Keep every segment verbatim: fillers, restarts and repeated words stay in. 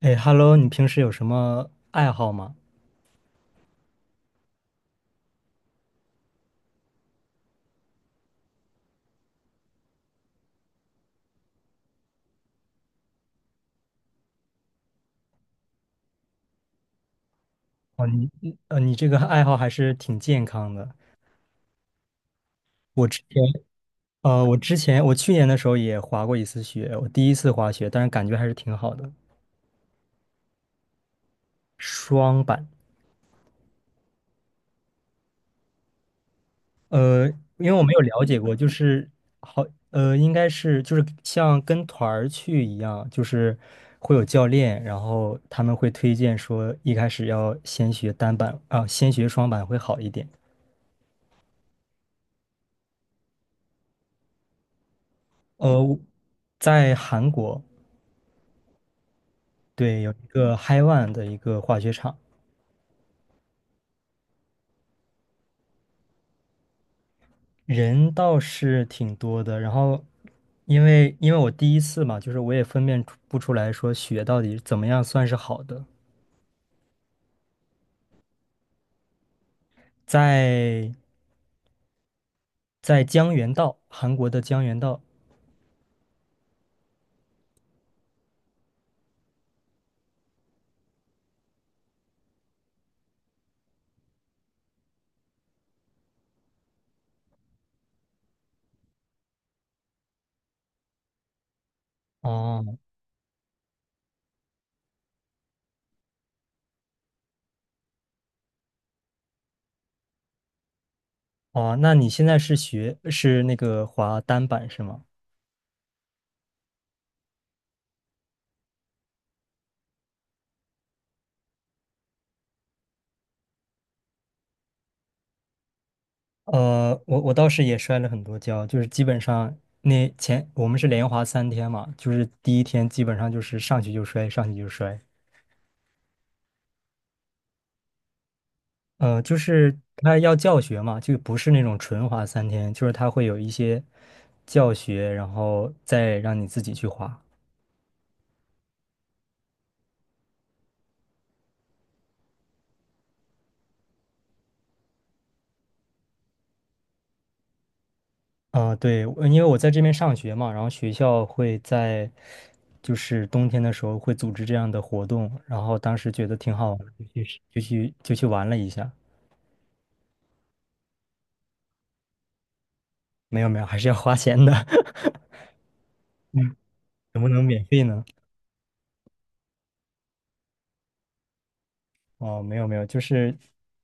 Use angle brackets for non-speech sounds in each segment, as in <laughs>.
哎，Hello，你平时有什么爱好吗？哦，你你呃，你这个爱好还是挺健康的。我之前呃，我之前我去年的时候也滑过一次雪，我第一次滑雪，但是感觉还是挺好的。双板，呃，因为我没有了解过，就是好呃，应该是就是像跟团儿去一样，就是会有教练，然后他们会推荐说一开始要先学单板啊，先学双板会好一点。呃，在韩国。对，有一个嗨万的一个滑雪场，人倒是挺多的。然后，因为因为我第一次嘛，就是我也分辨出不出来说雪到底怎么样算是好的。在在江原道，韩国的江原道。哦哦，那你现在是学是那个滑单板是吗？呃，我我倒是也摔了很多跤，就是基本上那前我们是连滑三天嘛，就是第一天基本上就是上去就摔，上去就摔。呃，就是他要教学嘛，就不是那种纯滑三天，就是他会有一些教学，然后再让你自己去滑。啊、对，我因为我在这边上学嘛，然后学校会在就是冬天的时候会组织这样的活动，然后当时觉得挺好玩的就去就去就去玩了一下。没有没有，还是要花钱的，<laughs> 怎么能免费呢？哦，没有没有，就是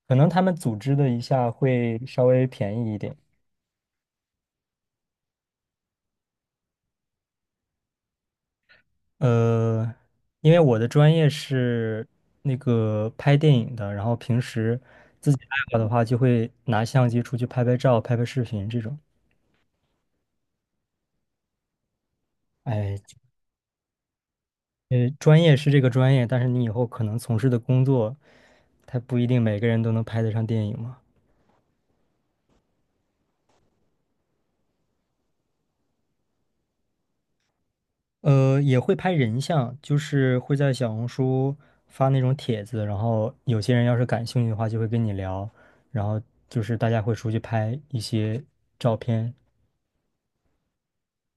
可能他们组织的一下会稍微便宜一点。呃，因为我的专业是那个拍电影的，然后平时自己爱好的话，就会拿相机出去拍拍照、拍拍视频这种。哎，呃，专业是这个专业，但是你以后可能从事的工作，他不一定每个人都能拍得上电影嘛。呃，也会拍人像，就是会在小红书发那种帖子，然后有些人要是感兴趣的话，就会跟你聊，然后就是大家会出去拍一些照片，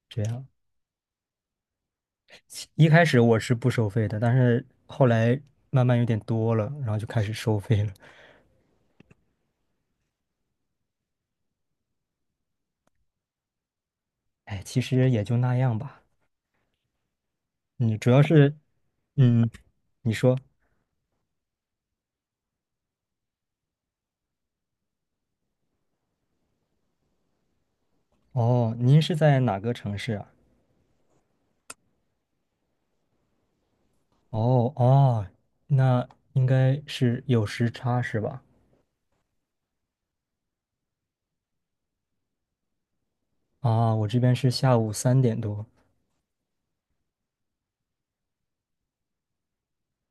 这样。一开始我是不收费的，但是后来慢慢有点多了，然后就开始收费了。哎，其实也就那样吧。嗯，主要是，嗯，你说，哦，您是在哪个城市啊？哦哦，那应该是有时差是吧？啊，我这边是下午三点多，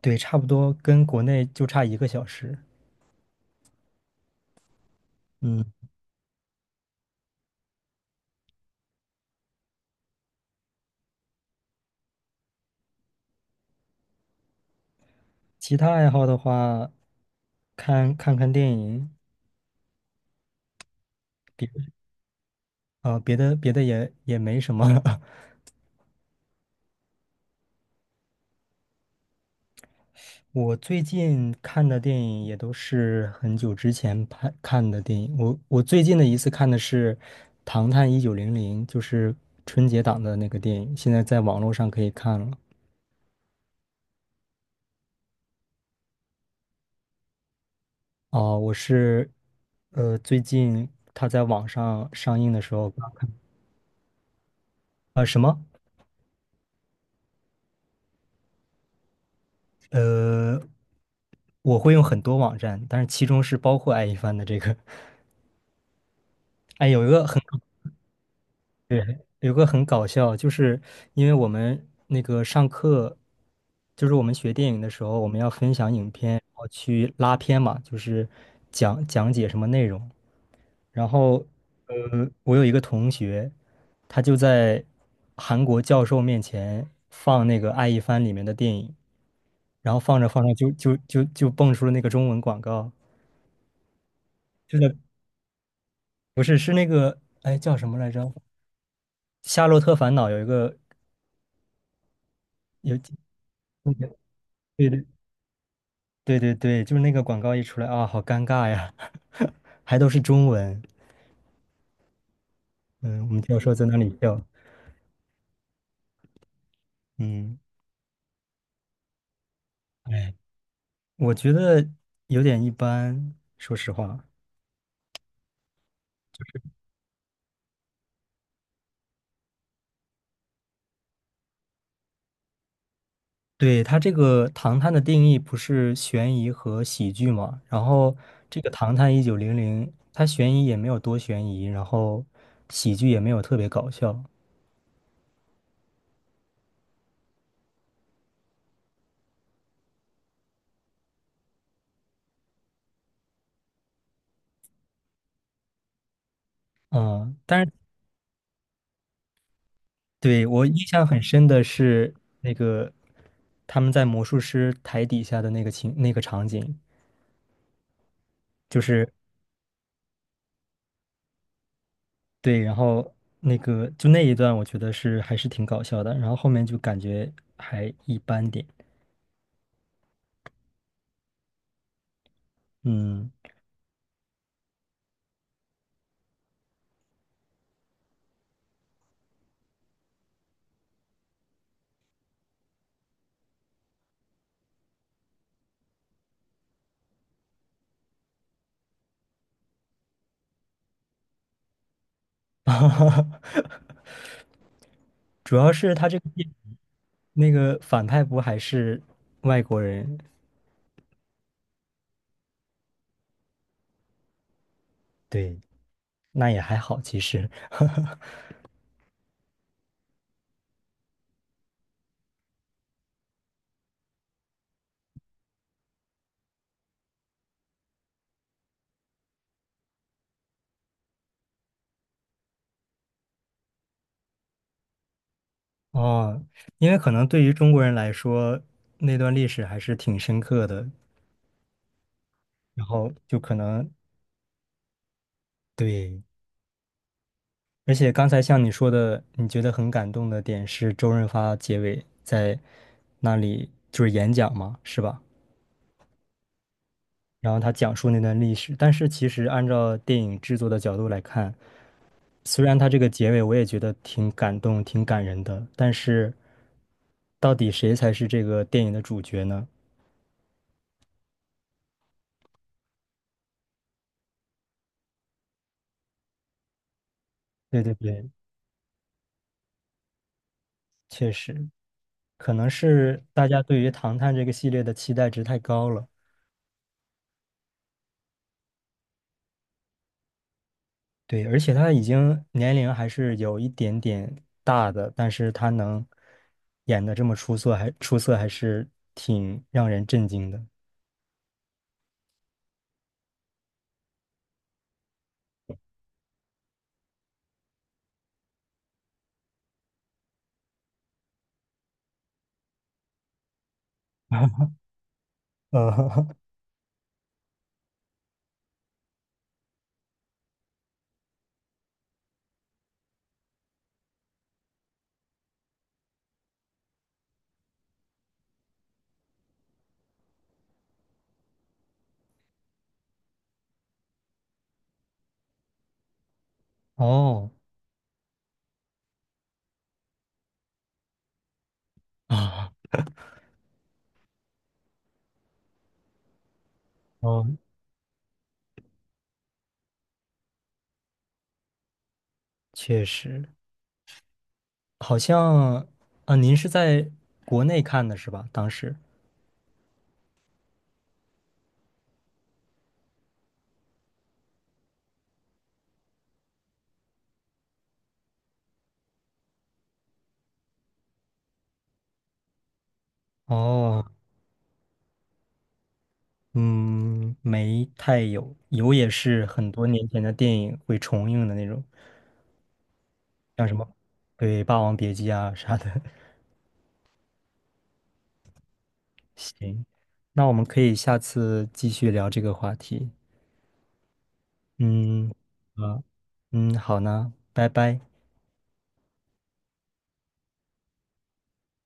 对，差不多跟国内就差一个小时。嗯，其他爱好的话，看看看电影，别啊、别的别的也也没什么了 <laughs> 我最近看的电影也都是很久之前拍看的电影。我我最近的一次看的是《唐探一九零零》，就是春节档的那个电影，现在在网络上可以看了。哦，我是呃最近它在网上上映的时候刚看呃什么呃，我会用很多网站，但是其中是包括爱一帆的这个。哎，有一个很。对，有个很搞笑，就是因为我们那个上课，就是我们学电影的时候，我们要分享影片，然后去拉片嘛，就是讲讲解什么内容。然后，呃，我有一个同学，他就在韩国教授面前放那个《爱一帆》里面的电影，然后放着放着就就就就蹦出了那个中文广告，就是不是是那个哎叫什么来着，《夏洛特烦恼》有一个有对对对对对，就是那个广告一出来啊，好尴尬呀，<laughs> 还都是中文。嗯，我们教授在那里笑。嗯，哎，我觉得有点一般，说实话。对，它这个《唐探》的定义不是悬疑和喜剧嘛？然后这个《唐探一九零零》，它悬疑也没有多悬疑，然后喜剧也没有特别搞笑。嗯，但是对我印象很深的是那个他们在魔术师台底下的那个情那个场景，就是对，然后那个就那一段，我觉得是还是挺搞笑的，然后后面就感觉还一般点，嗯，<laughs> 主要是他这个电那个反派不还是外国人，对，那也还好其实，<laughs> 哦，因为可能对于中国人来说，那段历史还是挺深刻的，然后就可能对。而且刚才像你说的，你觉得很感动的点是周润发结尾在那里就是演讲嘛，是吧？然后他讲述那段历史，但是其实按照电影制作的角度来看，虽然他这个结尾我也觉得挺感动、挺感人的，但是到底谁才是这个电影的主角呢？对对对，确实，可能是大家对于《唐探》这个系列的期待值太高了。对，而且他已经年龄还是有一点点大的，但是他能演的这么出色，还出色，还是挺让人震惊的。<laughs> 呃，哦啊，哦，确实，好像啊，您是在国内看的是吧？当时哦，嗯，没太有，有也是很多年前的电影会重映的那种，像什么对《霸王别姬》啊啥的。行，那我们可以下次继续聊这个话题。嗯，啊，嗯，好呢，拜拜。